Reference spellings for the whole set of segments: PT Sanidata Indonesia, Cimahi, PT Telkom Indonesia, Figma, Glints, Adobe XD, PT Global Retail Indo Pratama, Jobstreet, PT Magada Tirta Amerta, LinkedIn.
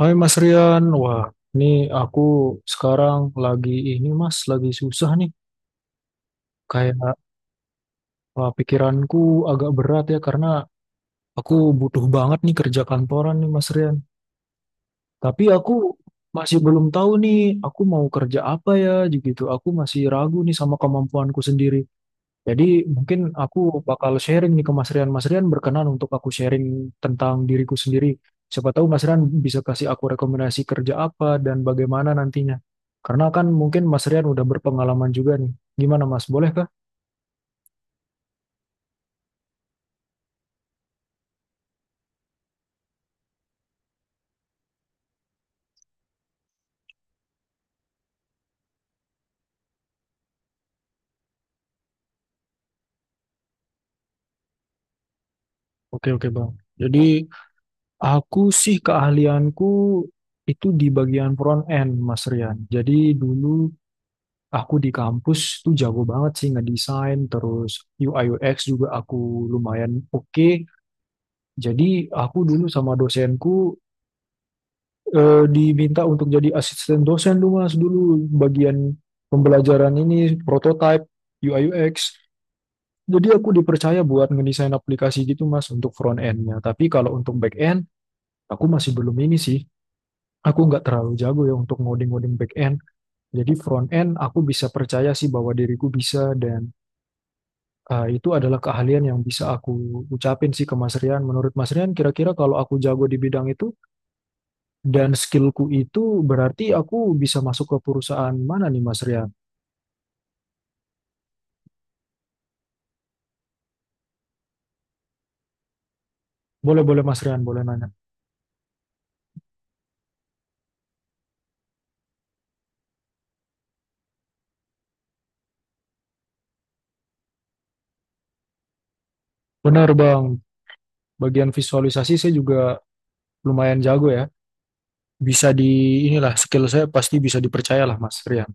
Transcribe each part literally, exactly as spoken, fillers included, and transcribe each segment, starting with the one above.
Hai Mas Rian, wah ini aku sekarang lagi ini Mas, lagi susah nih. Kayak wah, pikiranku agak berat ya karena aku butuh banget nih kerja kantoran nih Mas Rian. Tapi aku masih belum tahu nih aku mau kerja apa ya gitu. Aku masih ragu nih sama kemampuanku sendiri. Jadi mungkin aku bakal sharing nih ke Mas Rian. Mas Rian berkenan untuk aku sharing tentang diriku sendiri. Siapa tahu Mas Rian bisa kasih aku rekomendasi kerja apa dan bagaimana nantinya. Karena kan mungkin Mas Rian udah berpengalaman juga nih. Gimana Mas, boleh kah? Oke, oke Bang. Jadi aku sih keahlianku itu di bagian front end Mas Rian. Jadi dulu aku di kampus tuh jago banget sih ngedesain, terus U I U X juga aku lumayan oke. Jadi aku dulu sama dosenku eh, diminta untuk jadi asisten dosen dulu mas dulu bagian pembelajaran ini prototype U I U X. Jadi aku dipercaya buat ngedesain aplikasi gitu mas untuk front endnya. Tapi kalau untuk back end aku masih belum ini sih. Aku nggak terlalu jago ya untuk ngoding-ngoding back end. Jadi front end aku bisa percaya sih bahwa diriku bisa dan eh, itu adalah keahlian yang bisa aku ucapin sih ke Mas Rian. Menurut Mas Rian kira-kira kalau aku jago di bidang itu dan skillku itu berarti aku bisa masuk ke perusahaan mana nih Mas Rian? Boleh, boleh Mas Rian, boleh nanya. Benar Bang, bagian visualisasi saya juga lumayan jago ya. Bisa di, inilah skill saya, pasti bisa dipercaya lah Mas Rian.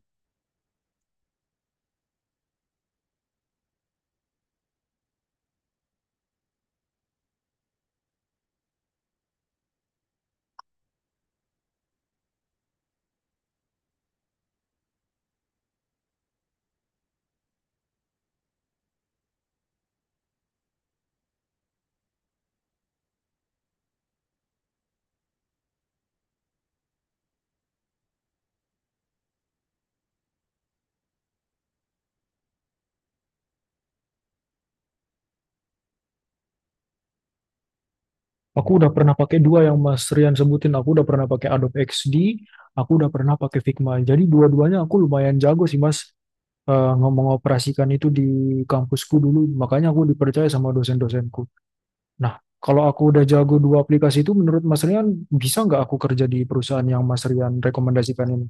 Aku udah pernah pakai dua yang Mas Rian sebutin. Aku udah pernah pakai Adobe X D, aku udah pernah pakai Figma. Jadi dua-duanya aku lumayan jago sih Mas. Eh, ngomong operasikan itu di kampusku dulu. Makanya aku dipercaya sama dosen-dosenku. Nah, kalau aku udah jago dua aplikasi itu, menurut Mas Rian, bisa nggak aku kerja di perusahaan yang Mas Rian rekomendasikan ini?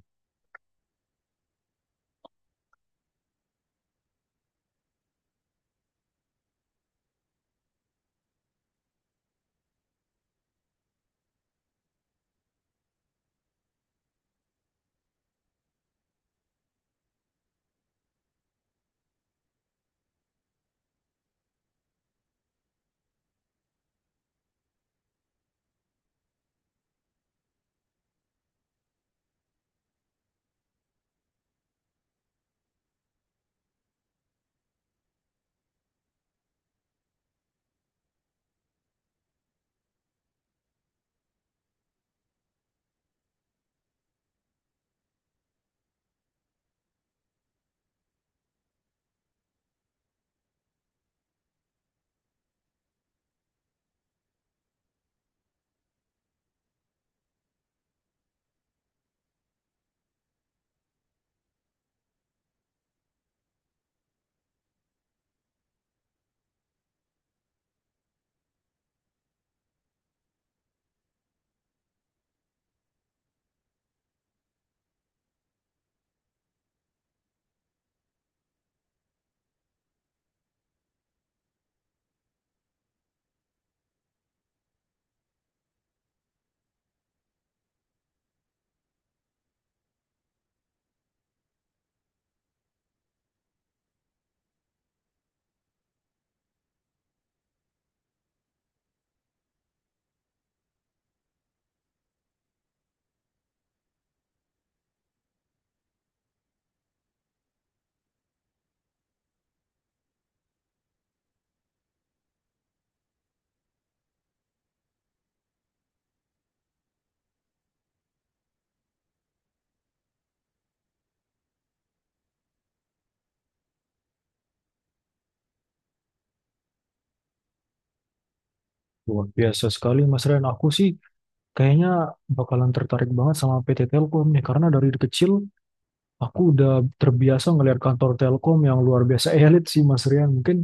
Luar biasa sekali, Mas Rian. Aku sih kayaknya bakalan tertarik banget sama P T Telkom nih, karena dari kecil aku udah terbiasa ngelihat kantor Telkom yang luar biasa elit sih, Mas Rian. Mungkin,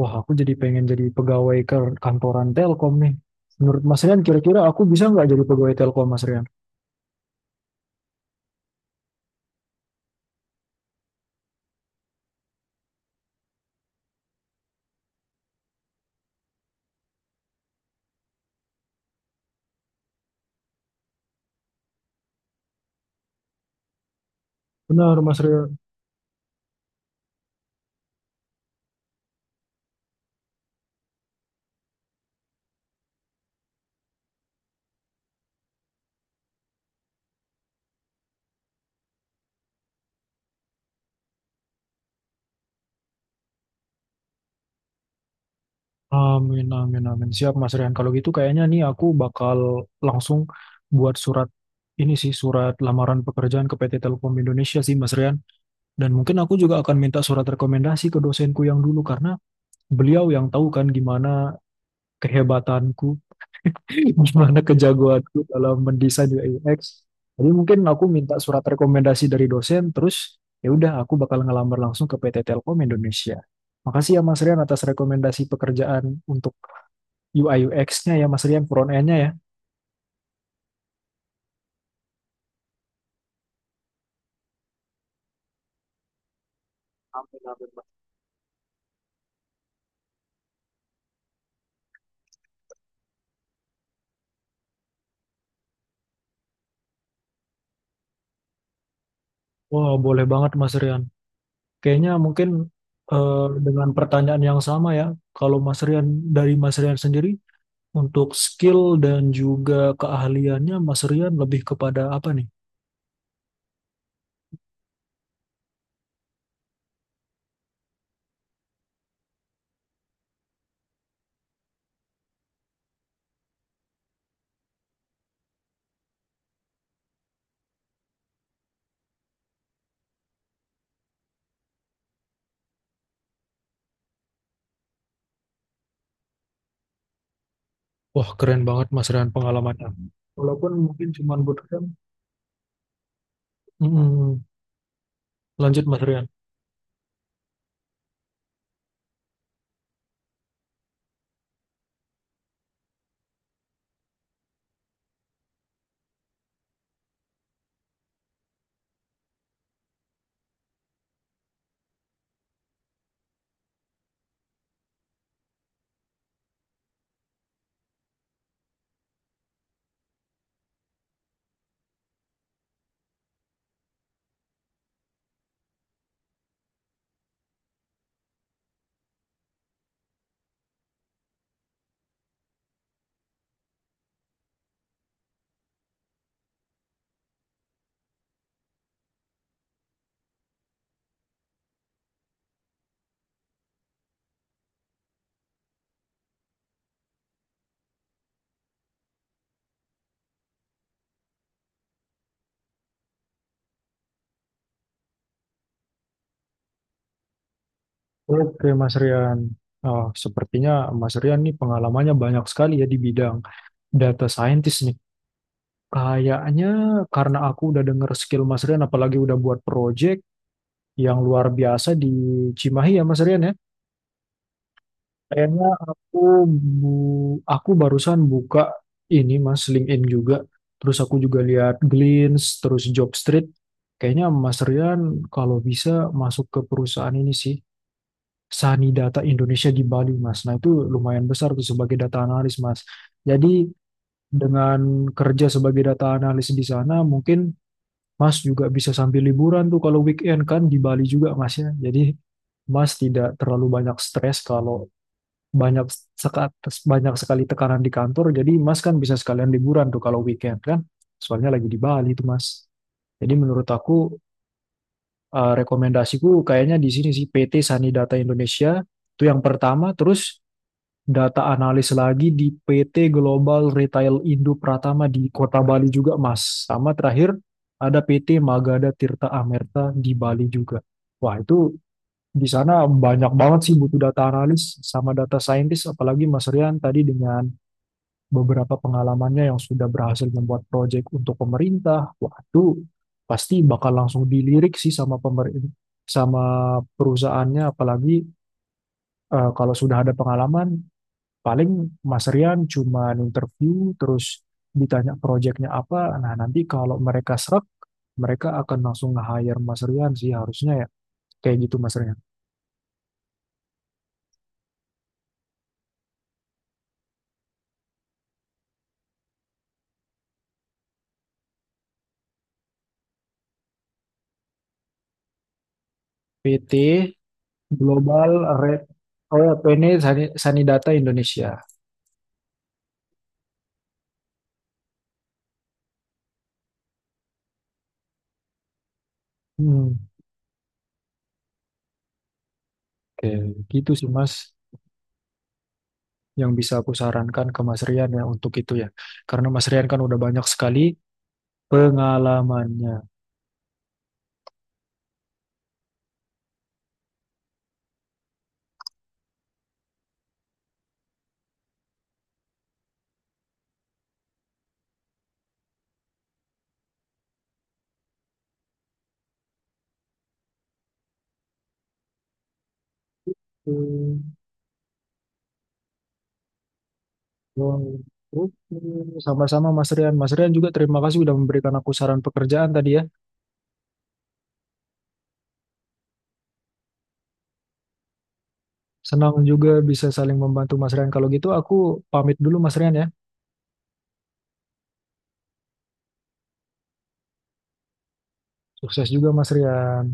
wah aku jadi pengen jadi pegawai ke- kantoran Telkom nih. Menurut Mas Rian, kira-kira aku bisa nggak jadi pegawai Telkom, Mas Rian? Benar, Mas Rian. Amin, amin, amin. Siap, Mas Rian. Kalau gitu kayaknya nih aku bakal langsung buat surat ini sih, surat lamaran pekerjaan ke P T Telkom Indonesia sih, Mas Rian. Dan mungkin aku juga akan minta surat rekomendasi ke dosenku yang dulu, karena beliau yang tahu kan gimana kehebatanku, gimana kejagoanku dalam mendesain U X. Jadi mungkin aku minta surat rekomendasi dari dosen, terus ya udah aku bakal ngelamar langsung ke P T Telkom Indonesia. Makasih ya Mas Rian atas rekomendasi pekerjaan untuk U I U X-nya ya Mas Rian, front end-nya ya. Amin, amin, Mas. Wah, boleh banget Mas Rian. Kayaknya mungkin eh, dengan pertanyaan yang sama ya, kalau Mas Rian dari Mas Rian sendiri, untuk skill dan juga keahliannya Mas Rian lebih kepada apa nih? Wah, keren banget Mas Rian pengalamannya. Walaupun mungkin cuma bootcamp. Mm-mm. Lanjut Mas Rian. Oke Mas Rian. Ah, sepertinya Mas Rian nih pengalamannya banyak sekali ya di bidang data scientist nih. Kayaknya karena aku udah denger skill Mas Rian, apalagi udah buat project yang luar biasa di Cimahi ya Mas Rian ya. Kayaknya aku bu- aku barusan buka ini Mas LinkedIn juga. Terus aku juga lihat Glints, terus Jobstreet. Kayaknya Mas Rian kalau bisa masuk ke perusahaan ini sih. Sani Data Indonesia di Bali Mas. Nah itu lumayan besar tuh sebagai data analis Mas. Jadi dengan kerja sebagai data analis di sana mungkin Mas juga bisa sambil liburan tuh kalau weekend kan di Bali juga Mas ya. Jadi Mas tidak terlalu banyak stres kalau banyak seka- banyak sekali tekanan di kantor. Jadi Mas kan bisa sekalian liburan tuh kalau weekend kan. Soalnya lagi di Bali tuh Mas. Jadi menurut aku eh, rekomendasiku kayaknya di sini sih P T Sanidata Indonesia itu yang pertama. Terus data analis lagi di P T Global Retail Indo Pratama di Kota Bali juga, Mas. Sama terakhir ada P T Magada Tirta Amerta di Bali juga. Wah, itu di sana banyak banget sih butuh data analis sama data scientist, apalagi Mas Rian tadi dengan beberapa pengalamannya yang sudah berhasil membuat proyek untuk pemerintah. Wah, itu pasti bakal langsung dilirik sih sama pemerintah sama perusahaannya apalagi eh, kalau sudah ada pengalaman. Paling Mas Rian cuma interview terus ditanya proyeknya apa. Nah, nanti kalau mereka serak, mereka akan langsung nge-hire Mas Rian sih harusnya ya. Kayak gitu Mas Rian. P T Global Red. Oh ya, P N I Sani, Sanidata Indonesia. Hmm, oke, gitu sih Mas yang bisa aku sarankan ke Mas Rian ya untuk itu ya. Karena Mas Rian kan udah banyak sekali pengalamannya. Hmm. Oh, Oke, sama-sama Mas Rian. Mas Rian juga terima kasih sudah memberikan aku saran pekerjaan tadi ya. Senang juga bisa saling membantu Mas Rian. Kalau gitu aku pamit dulu Mas Rian ya. Sukses juga Mas Rian.